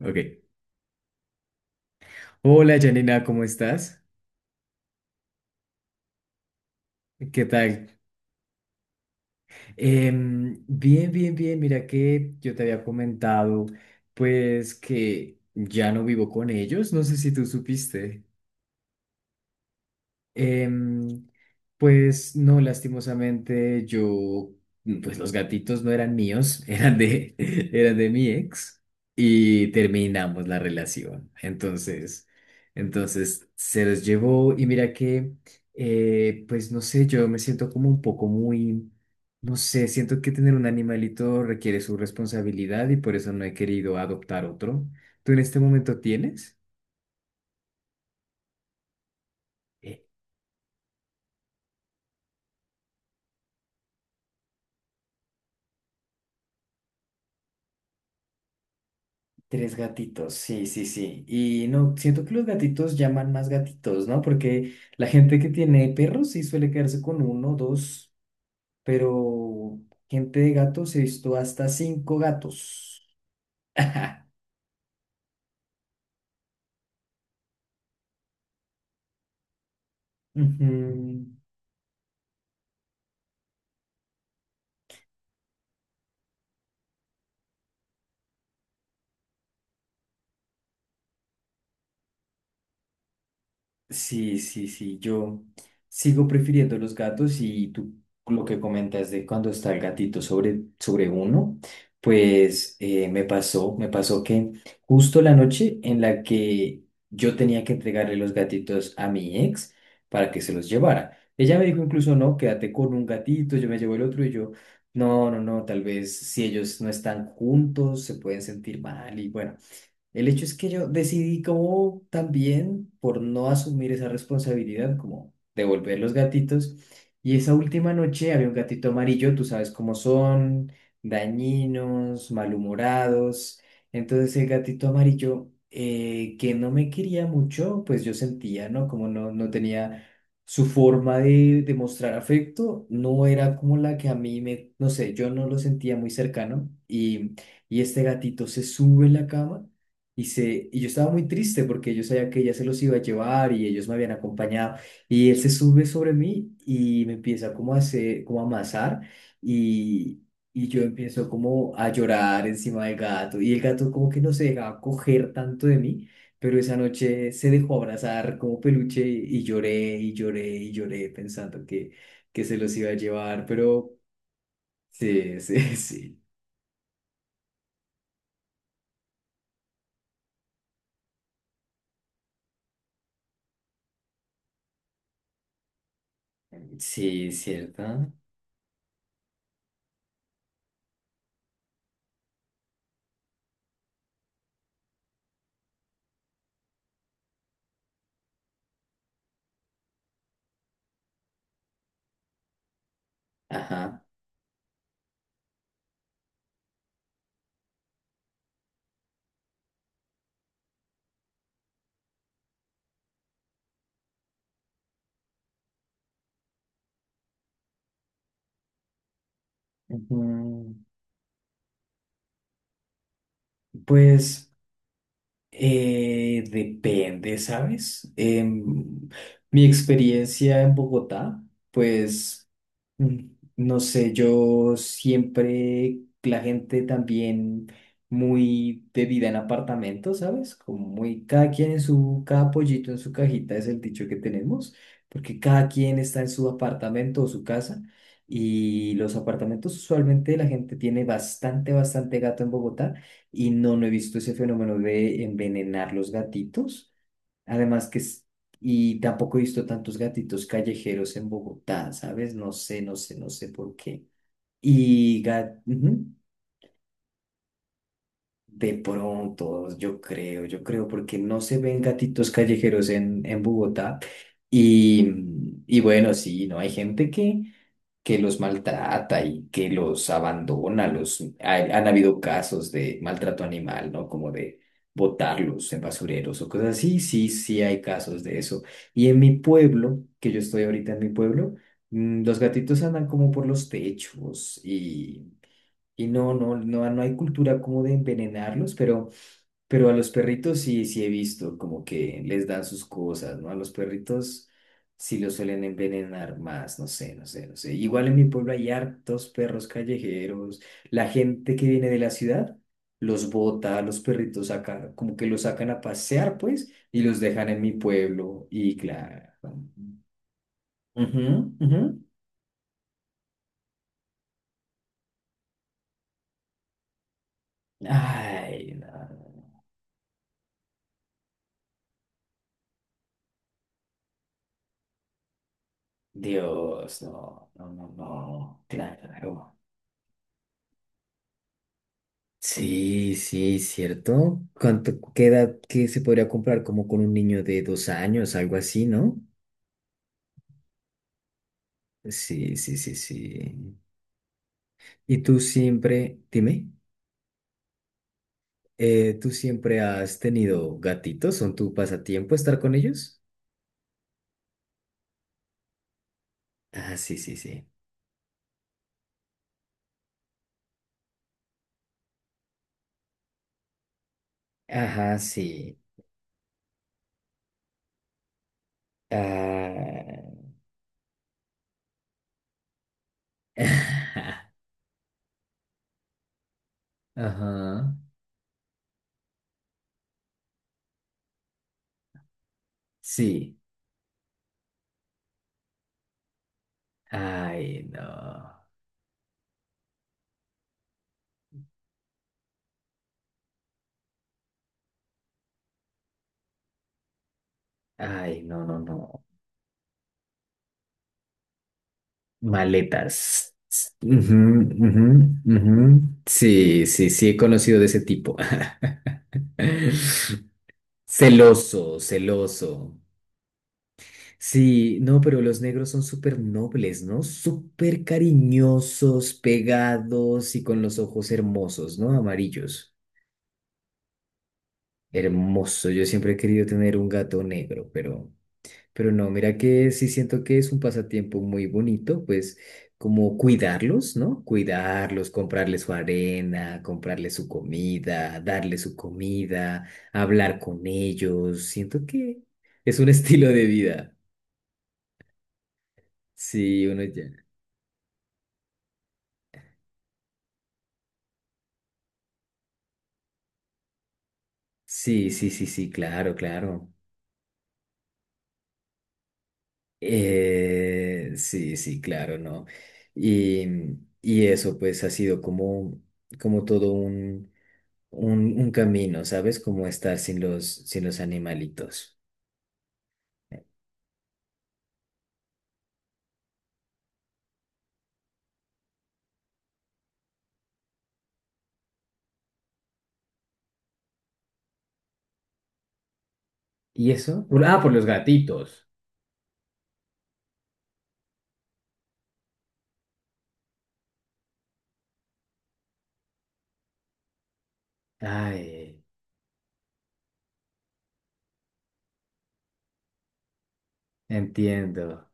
Ok. Hola Janina, ¿cómo estás? ¿Qué tal? Bien, bien, bien. Mira que yo te había comentado, pues que ya no vivo con ellos. No sé si tú supiste. Em, pues no, lastimosamente yo, pues los gatitos no eran míos, eran de mi ex y terminamos la relación. Entonces se los llevó. Y mira que, pues no sé, yo me siento como un poco muy, no sé. Siento que tener un animalito requiere su responsabilidad y por eso no he querido adoptar otro. ¿Tú en este momento tienes? Tres gatitos, sí, sí, sí. Y no, siento que los gatitos llaman más gatitos, ¿no? Porque la gente que tiene perros sí suele quedarse con uno, dos, pero gente de gatos he visto hasta cinco gatos. Ujú. Sí, sí, sí, yo sigo prefiriendo los gatos. Y tú lo que comentas de cuando está el gatito sobre uno, pues me pasó que justo la noche en la que yo tenía que entregarle los gatitos a mi ex para que se los llevara, ella me dijo, incluso, no, quédate con un gatito, yo me llevo el otro. Y yo, no, no, no, tal vez si ellos no están juntos se pueden sentir mal. Y bueno, el hecho es que yo decidí, como también por no asumir esa responsabilidad, como devolver los gatitos. Y esa última noche había un gatito amarillo. Tú sabes cómo son, dañinos, malhumorados. Entonces el gatito amarillo, que no me quería mucho, pues yo sentía, ¿no? Como no, no tenía su de mostrar afecto. No era como la que a mí me, no sé, yo no lo sentía muy cercano. Y este gatito se sube en la cama. Y, se, y yo estaba muy triste porque yo sabía que ella se los iba a llevar y ellos me habían acompañado. Y él se sube sobre mí y me empieza como a hacer, como a amasar. Y, y yo empiezo como a llorar encima del gato. Y el gato como que no se dejaba coger tanto de mí, pero esa noche se dejó abrazar como peluche. Y lloré y lloré y lloré pensando que se los iba a llevar. Pero sí, sí, sí. Sí, cierto. Ajá. Ujú. Pues... depende, ¿sabes? Mi experiencia en Bogotá, pues... Mm, no sé, yo siempre, la gente también muy de vida en apartamento, ¿sabes? Como muy, cada quien en su, cada pollito en su cajita es el dicho que tenemos, porque cada quien está en su apartamento o su casa, y los apartamentos, usualmente la gente tiene bastante, bastante gato en Bogotá, y no, no he visto ese fenómeno de envenenar los gatitos. Además que es, y tampoco he visto tantos gatitos callejeros en Bogotá, ¿sabes? No sé, no sé, no sé por qué. Y gat- ujú, de pronto, yo creo, porque no se ven gatitos callejeros en Bogotá. Y, y bueno, sí, ¿no? Hay gente que los maltrata y que los abandona. Los, hay- han habido casos de maltrato animal, ¿no? Como de botarlos en basureros o cosas así. Sí, sí hay casos de eso. Y en mi pueblo, que yo estoy ahorita en mi pueblo, mm, los gatitos andan como por los techos. Y, y no, no, no, no hay cultura como de envenenarlos, pero... Pero a los perritos sí, sí he visto como que les dan sus cosas, ¿no? A los perritos sí los suelen envenenar más, no sé, no sé, no sé. Igual en mi pueblo hay hartos perros callejeros. La gente que viene de la ciudad los bota. A los perritos sacan, como que los sacan a pasear, pues, y los dejan en mi pueblo. Y claro. Ujú, ujú. Ay, no. Dios, no, no, no, no. Claro. Sí, sí, cierto. ¿Cuánto, qué edad? Que se podría comprar como con un niño de dos años, algo así, ¿no? Sí, sí, sí, sí. Y tú siempre, dime, ¿tú siempre has tenido gatitos? ¿Son tu pasatiempo estar con ellos? Ah, sí, sí, sí. Ajá, sí. Ah. Ajá. Sí. Ay, no. Ay, no, no, no. Maletas. Ujú, ujú, ujú. Sí, sí, sí, he conocido de ese tipo. Celoso, celoso. Sí, no, pero los negros son súper nobles, ¿no? Súper cariñosos, pegados y con los ojos hermosos, ¿no? Amarillos. Hermoso. Yo siempre he querido tener un gato negro, pero... Pero no, mira que sí siento que es un pasatiempo muy bonito. Pues como cuidarlos, ¿no? Cuidarlos, comprarles su arena, comprarles su comida, darles su comida, hablar con ellos. Siento que es un estilo de vida. Sí, uno ya. Sí, sí, sí, sí, claro, claro. Sí, sí, claro, ¿no? Y, y eso pues ha sido como, como todo un camino, ¿sabes? Como estar sin los, sin los animalitos. ¿Y eso? Por- ah, por los gatitos. Ay, entiendo.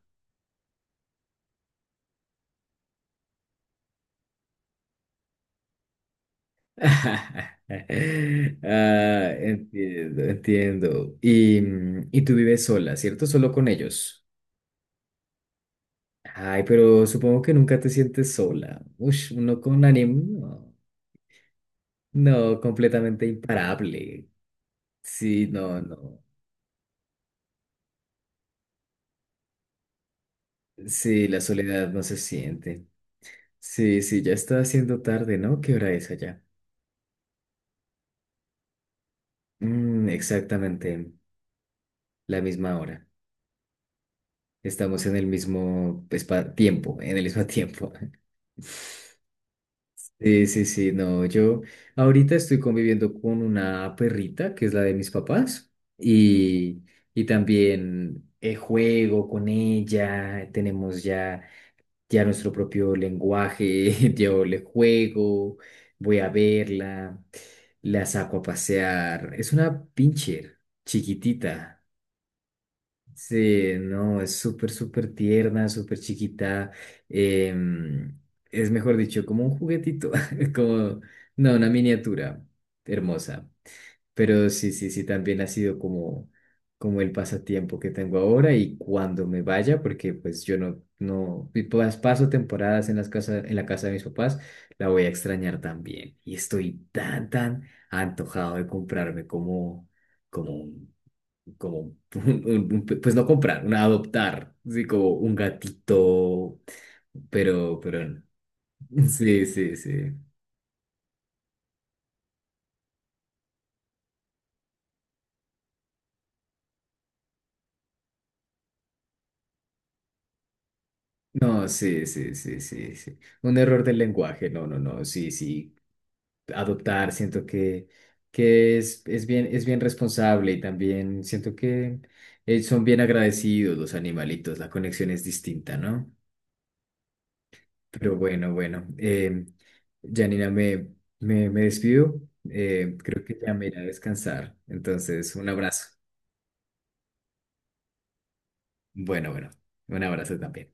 Ah, entiendo, entiendo. Y, mm, y tú vives sola, ¿cierto? Solo con ellos. Ay, pero supongo que nunca te sientes sola. Ush, uno con ánimo. No, completamente imparable. Sí, no, no. Sí, la soledad no se siente. Sí, sí, ya está haciendo tarde, ¿no? ¿Qué hora es allá? Mm, exactamente la misma hora. Estamos en el mismo espa- tiempo, en el mismo tiempo. Sí, sí, sí, no, yo ahorita estoy conviviendo con una perrita que es la de mis papás. Y, y también juego con ella. Tenemos ya ya nuestro propio lenguaje. Yo le juego, voy a verla, la saco a pasear. Es una pincher chiquitita. Sí, no, es súper, súper tierna, súper chiquita. em, es mejor dicho, como un juguetito, como, no, una miniatura hermosa. Pero sí, sí, sí, también ha sido como, como el pasatiempo que tengo ahora. Y cuando me vaya, porque pues yo no, no, y pas- paso temporadas en las casas, en la casa de mis papás, la voy a extrañar también. Y estoy tan, tan antojado de comprarme como, como un como, pues no comprar, una adoptar, sí, como un gatito, pero, no. Sí, sí, sí. No, sí, sí, sí, sí, sí. Un error del lenguaje, no, no, no, sí, sí. Adoptar, siento que es bien responsable. Y también siento que son bien agradecidos los animalitos. La conexión es distinta, ¿no? Pero bueno, bueno. Janina, me despido. Creo que ya me iré a descansar. Entonces, un abrazo. Bueno, bueno. Un abrazo también.